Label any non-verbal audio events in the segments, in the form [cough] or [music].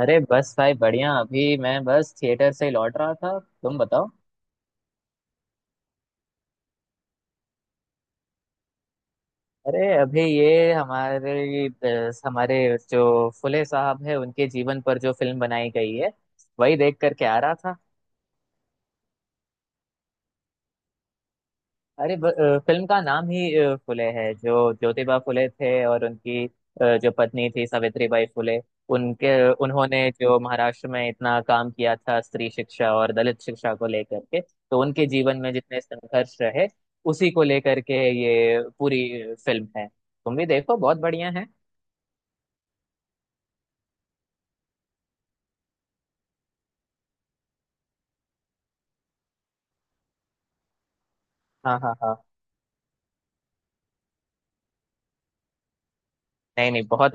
अरे बस भाई बढ़िया। अभी मैं बस थिएटर से लौट रहा था, तुम बताओ। अरे अभी ये हमारे हमारे जो फुले साहब है उनके जीवन पर जो फिल्म बनाई गई है वही देख करके आ रहा था। अरे फिल्म का नाम ही फुले है। जो ज्योतिबा फुले थे और उनकी जो पत्नी थी सावित्रीबाई फुले उनके उन्होंने जो महाराष्ट्र में इतना काम किया था स्त्री शिक्षा और दलित शिक्षा को लेकर के, तो उनके जीवन में जितने संघर्ष रहे उसी को लेकर के ये पूरी फिल्म है। तुम भी देखो, बहुत बढ़िया है। हाँ हाँ हाँ। नहीं नहीं, बहुत।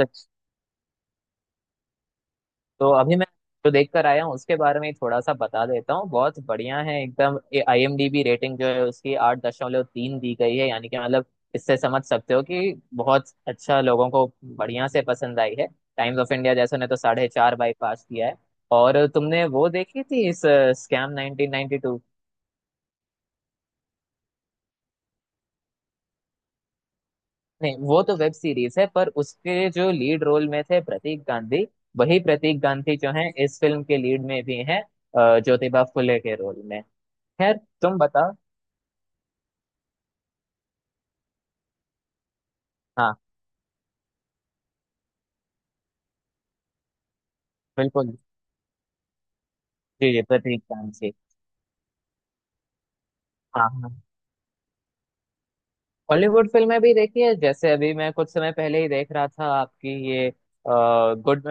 तो अभी मैं जो देख कर आया हूँ उसके बारे में थोड़ा सा बता देता हूँ। बहुत बढ़िया है एकदम। आईएमडीबी रेटिंग जो है उसकी 8.3 दी गई है, यानी कि मतलब इससे समझ सकते हो कि बहुत अच्छा लोगों को बढ़िया से पसंद आई है। टाइम्स ऑफ इंडिया जैसे ने तो 4.5 बाई पास किया है। और तुमने वो देखी थी इस स्कैम 1992? नहीं, वो तो वेब सीरीज है, पर उसके जो लीड रोल में थे प्रतीक गांधी, वही प्रतीक गांधी जो है इस फिल्म के लीड में भी हैं ज्योतिबा फुले के रोल में। खैर, तुम बताओ। हाँ, बिल्कुल। जी जी, प्रतीक कांत। हाँ हाँ, हॉलीवुड फिल्में भी देखी है। जैसे अभी मैं कुछ समय पहले ही देख रहा था आपकी ये गुड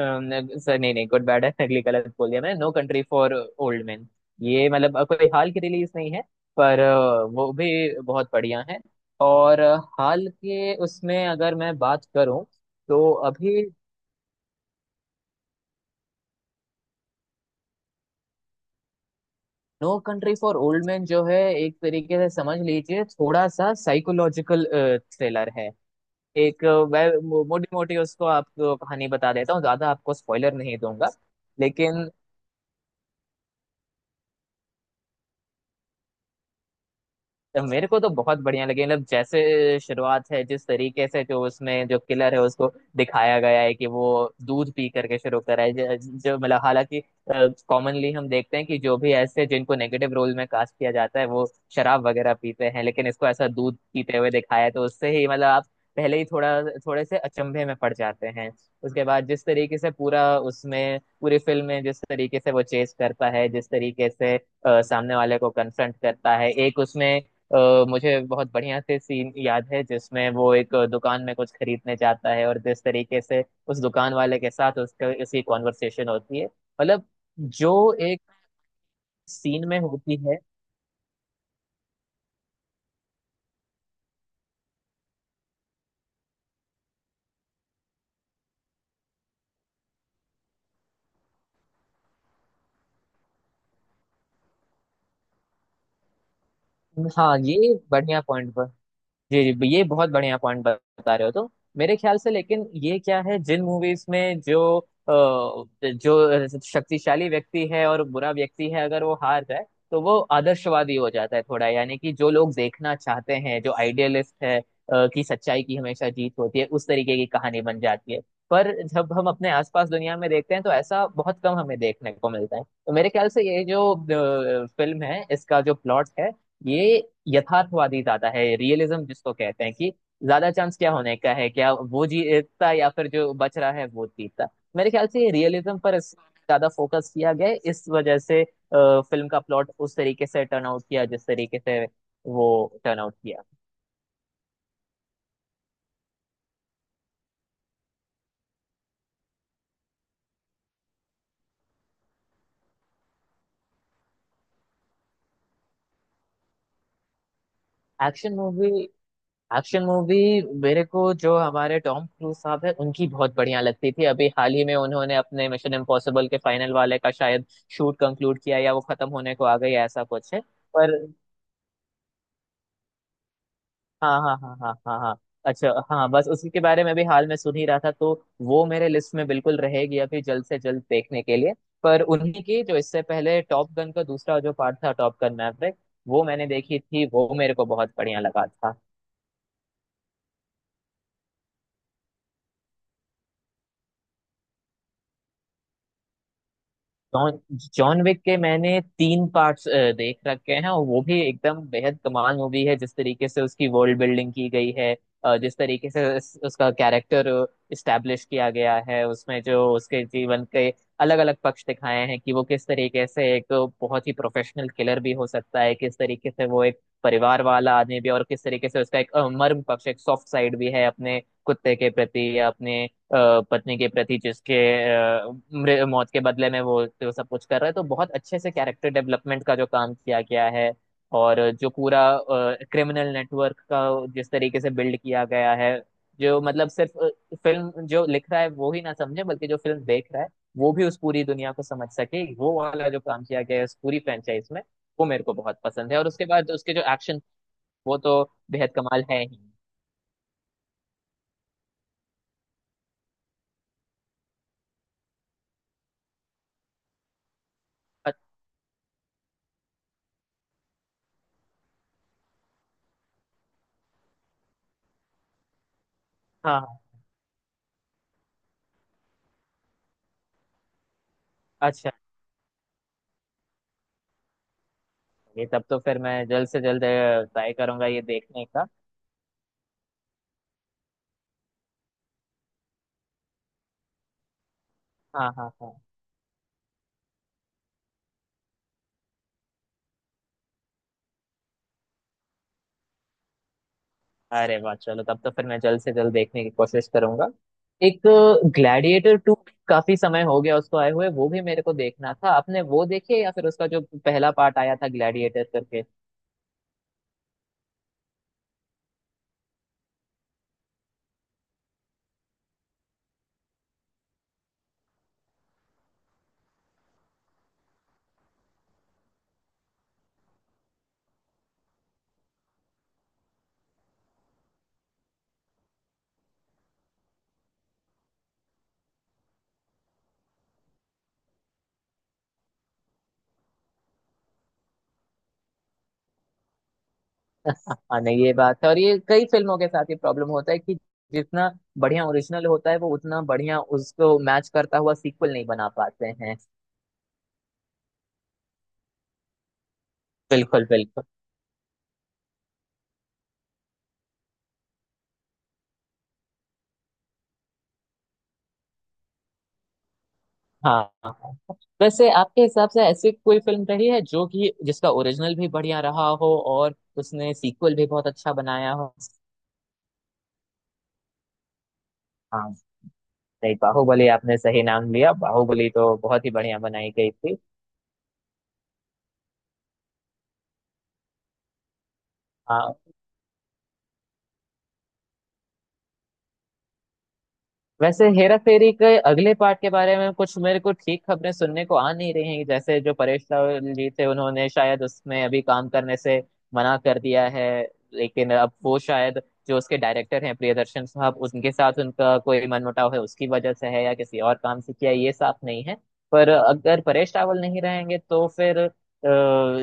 सर, नहीं नहीं, गुड बैड है [laughs] अगली गलत बोल दिया मैंने, no country for old man. ये मतलब कोई हाल की रिलीज नहीं है, पर वो भी बहुत बढ़िया है। और हाल के उसमें अगर मैं बात करूं तो अभी no country for old man जो है, एक तरीके से समझ लीजिए थोड़ा सा साइकोलॉजिकल थ्रिलर है। एक मैं मोटी मोटी उसको आपको कहानी बता देता हूँ, ज्यादा आपको स्पॉइलर नहीं दूंगा। लेकिन तो मेरे को तो बहुत बढ़िया लगी। मतलब जैसे शुरुआत है जिस तरीके से, जो उसमें जो किलर है उसको दिखाया गया है कि वो दूध पी करके शुरू करा है। जो मतलब, हालांकि कॉमनली हम देखते हैं कि जो भी ऐसे जिनको नेगेटिव रोल में कास्ट किया जाता है वो शराब वगैरह पीते हैं, लेकिन इसको ऐसा दूध पीते हुए दिखाया है, तो उससे ही मतलब आप पहले ही थोड़ा थोड़े से अचंभे में पड़ जाते हैं। उसके बाद जिस तरीके से पूरा उसमें पूरी फिल्म में जिस तरीके से वो चेस करता है, जिस तरीके से सामने वाले को कन्फ्रंट करता है, एक उसमें मुझे बहुत बढ़िया से सीन याद है जिसमें वो एक दुकान में कुछ खरीदने जाता है और जिस तरीके से उस दुकान वाले के साथ उसका उसकी कॉन्वर्सेशन होती है। मतलब जो एक सीन में होती है। हाँ, ये बढ़िया पॉइंट। जी जी, ये बहुत बढ़िया पॉइंट बता रहे हो तुम। मेरे ख्याल से लेकिन ये क्या है, जिन मूवीज में जो जो शक्तिशाली व्यक्ति है और बुरा व्यक्ति है अगर वो हार जाए तो वो आदर्शवादी हो जाता है थोड़ा, यानी कि जो लोग देखना चाहते हैं जो आइडियलिस्ट है कि सच्चाई की हमेशा जीत होती है, उस तरीके की कहानी बन जाती है। पर जब हम अपने आसपास दुनिया में देखते हैं तो ऐसा बहुत कम हमें देखने को मिलता है। तो मेरे ख्याल से ये जो फिल्म है इसका जो प्लॉट है ये यथार्थवादी ज्यादा है, रियलिज्म जिसको कहते हैं कि ज्यादा चांस क्या होने का है, क्या वो जीतता या फिर जो बच रहा है वो जीतता। मेरे ख्याल से रियलिज्म पर ज्यादा फोकस किया गया है। इस वजह से फिल्म का प्लॉट उस तरीके से टर्न आउट किया जिस तरीके से वो टर्न आउट किया। एक्शन मूवी, एक्शन मूवी, मेरे को जो हमारे टॉम क्रूज साहब है उनकी बहुत बढ़िया लगती थी। अभी हाल ही में उन्होंने अपने मिशन इम्पॉसिबल के फाइनल वाले का शायद शूट कंक्लूड किया या वो खत्म होने को आ गई ऐसा कुछ है। पर हाँ हाँ हाँ हाँ हाँ हाँ। अच्छा, हाँ बस उसी के बारे में भी हाल में सुन ही रहा था, तो वो मेरे लिस्ट में बिल्कुल रहेगी, अभी जल्द से जल्द देखने के लिए। पर उन्हीं की जो इससे पहले टॉप गन का दूसरा जो पार्ट था, टॉप गन मैवरिक, वो मैंने देखी थी, वो मेरे को बहुत बढ़िया लगा था। जॉन, जॉन विक के मैंने तीन पार्ट्स देख रखे हैं और वो भी एकदम बेहद कमाल मूवी है। जिस तरीके से उसकी वर्ल्ड बिल्डिंग की गई है, जिस तरीके से उसका कैरेक्टर इस्टेब्लिश किया गया है, उसमें जो उसके जीवन के अलग अलग पक्ष दिखाए हैं कि वो किस तरीके से एक बहुत ही प्रोफेशनल किलर भी हो सकता है, किस तरीके से वो एक परिवार वाला आदमी भी, और किस तरीके से उसका एक मर्म पक्ष एक सॉफ्ट साइड भी है अपने कुत्ते के प्रति या अपने पत्नी के प्रति, जिसके मौत के बदले में वो सब कुछ कर रहा है। तो बहुत अच्छे से कैरेक्टर डेवलपमेंट का जो काम किया गया है, और जो पूरा क्रिमिनल नेटवर्क का जिस तरीके से बिल्ड किया गया है, जो मतलब सिर्फ फिल्म जो लिख रहा है वो ही ना समझे, बल्कि जो फिल्म देख रहा है वो भी उस पूरी दुनिया को समझ सके, वो वाला जो काम किया गया है उस पूरी फ्रेंचाइज में, वो मेरे को बहुत पसंद है। और उसके बाद उसके जो एक्शन, वो तो बेहद कमाल है ही। अ- हाँ, अच्छा, ये तब तो फिर मैं जल्द से जल्द ट्राई करूंगा ये देखने का। हाँ हाँ हाँ। अरे वाह, चलो तब तो फिर मैं जल्द से जल्द देखने की कोशिश करूंगा। एक ग्लैडिएटर टू, काफी समय हो गया उसको आए हुए, वो भी मेरे को देखना था। आपने वो देखी है या फिर उसका जो पहला पार्ट आया था ग्लैडिएटर करके? हाँ नहीं, ये बात है, और ये कई फिल्मों के साथ ये प्रॉब्लम होता है कि जितना बढ़िया ओरिजिनल होता है वो उतना बढ़िया उसको मैच करता हुआ सीक्वल नहीं बना पाते हैं। बिल्कुल बिल्कुल। हाँ हाँ। वैसे आपके हिसाब से ऐसी कोई फिल्म रही है जो कि जिसका ओरिजिनल भी बढ़िया रहा हो और उसने सीक्वल भी बहुत अच्छा बनाया हो? हाँ नहीं, बाहुबली आपने सही नाम लिया, बाहुबली तो बहुत ही बढ़िया बनाई गई थी। हाँ, वैसे हेरा फेरी के अगले पार्ट के बारे में कुछ मेरे को ठीक खबरें सुनने को आ नहीं रही हैं। जैसे जो परेश रावल जी थे उन्होंने शायद उसमें अभी काम करने से मना कर दिया है। लेकिन अब वो शायद जो उसके डायरेक्टर हैं प्रियदर्शन साहब उनके साथ उनका कोई मनमुटाव है उसकी वजह से है या किसी और काम से किया है, ये साफ नहीं है। पर अगर परेश रावल नहीं रहेंगे तो फिर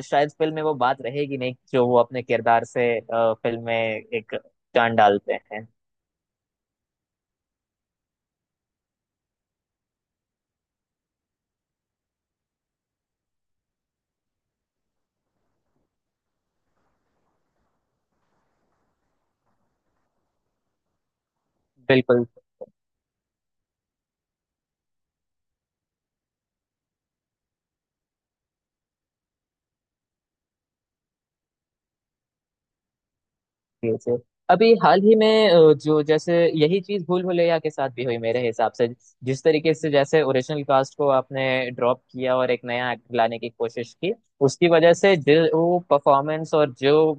शायद फिल्म में वो बात रहेगी नहीं जो वो अपने किरदार से फिल्म में एक जान डालते हैं। बिल्कुल से। अभी हाल ही में जो जैसे यही चीज भूल भुलैया के साथ भी हुई मेरे हिसाब से। जिस तरीके से जैसे ओरिजिनल कास्ट को आपने ड्रॉप किया और एक नया एक्टर लाने की कोशिश की, उसकी वजह से जो वो परफॉर्मेंस और जो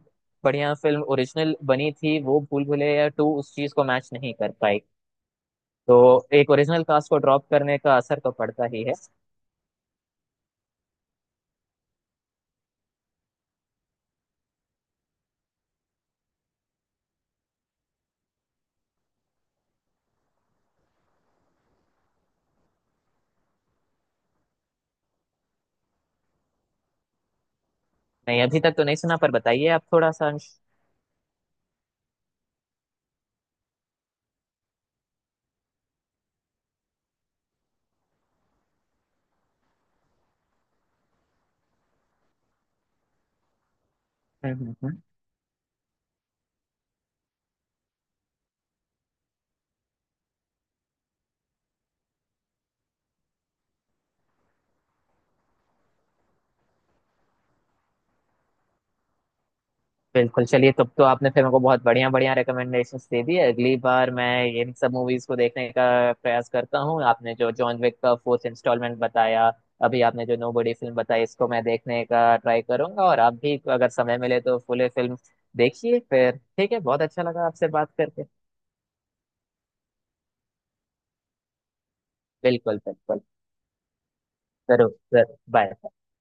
बढ़िया फिल्म ओरिजिनल बनी थी वो भूल भुलैया टू उस चीज को मैच नहीं कर पाई। तो एक ओरिजिनल कास्ट को ड्रॉप करने का असर तो पड़ता ही है। नहीं अभी तक तो नहीं सुना, पर बताइए आप थोड़ा सा अंश। हम्म। बिल्कुल, चलिए तब तो आपने फिर मेरे को बहुत बढ़िया बढ़िया रिकमेंडेशंस दे दी है। अगली बार मैं इन सब मूवीज को देखने का प्रयास करता हूँ। आपने जो जॉन विक का फोर्थ इंस्टॉलमेंट बताया, अभी आपने जो नोबडी फिल्म बताई, इसको मैं देखने का ट्राई करूंगा। और आप भी अगर समय मिले तो फुल फिल्म देखिए फिर। ठीक है, बहुत अच्छा लगा आपसे बात करके। बिल्कुल बिल्कुल। जरूर जरूर, बाय।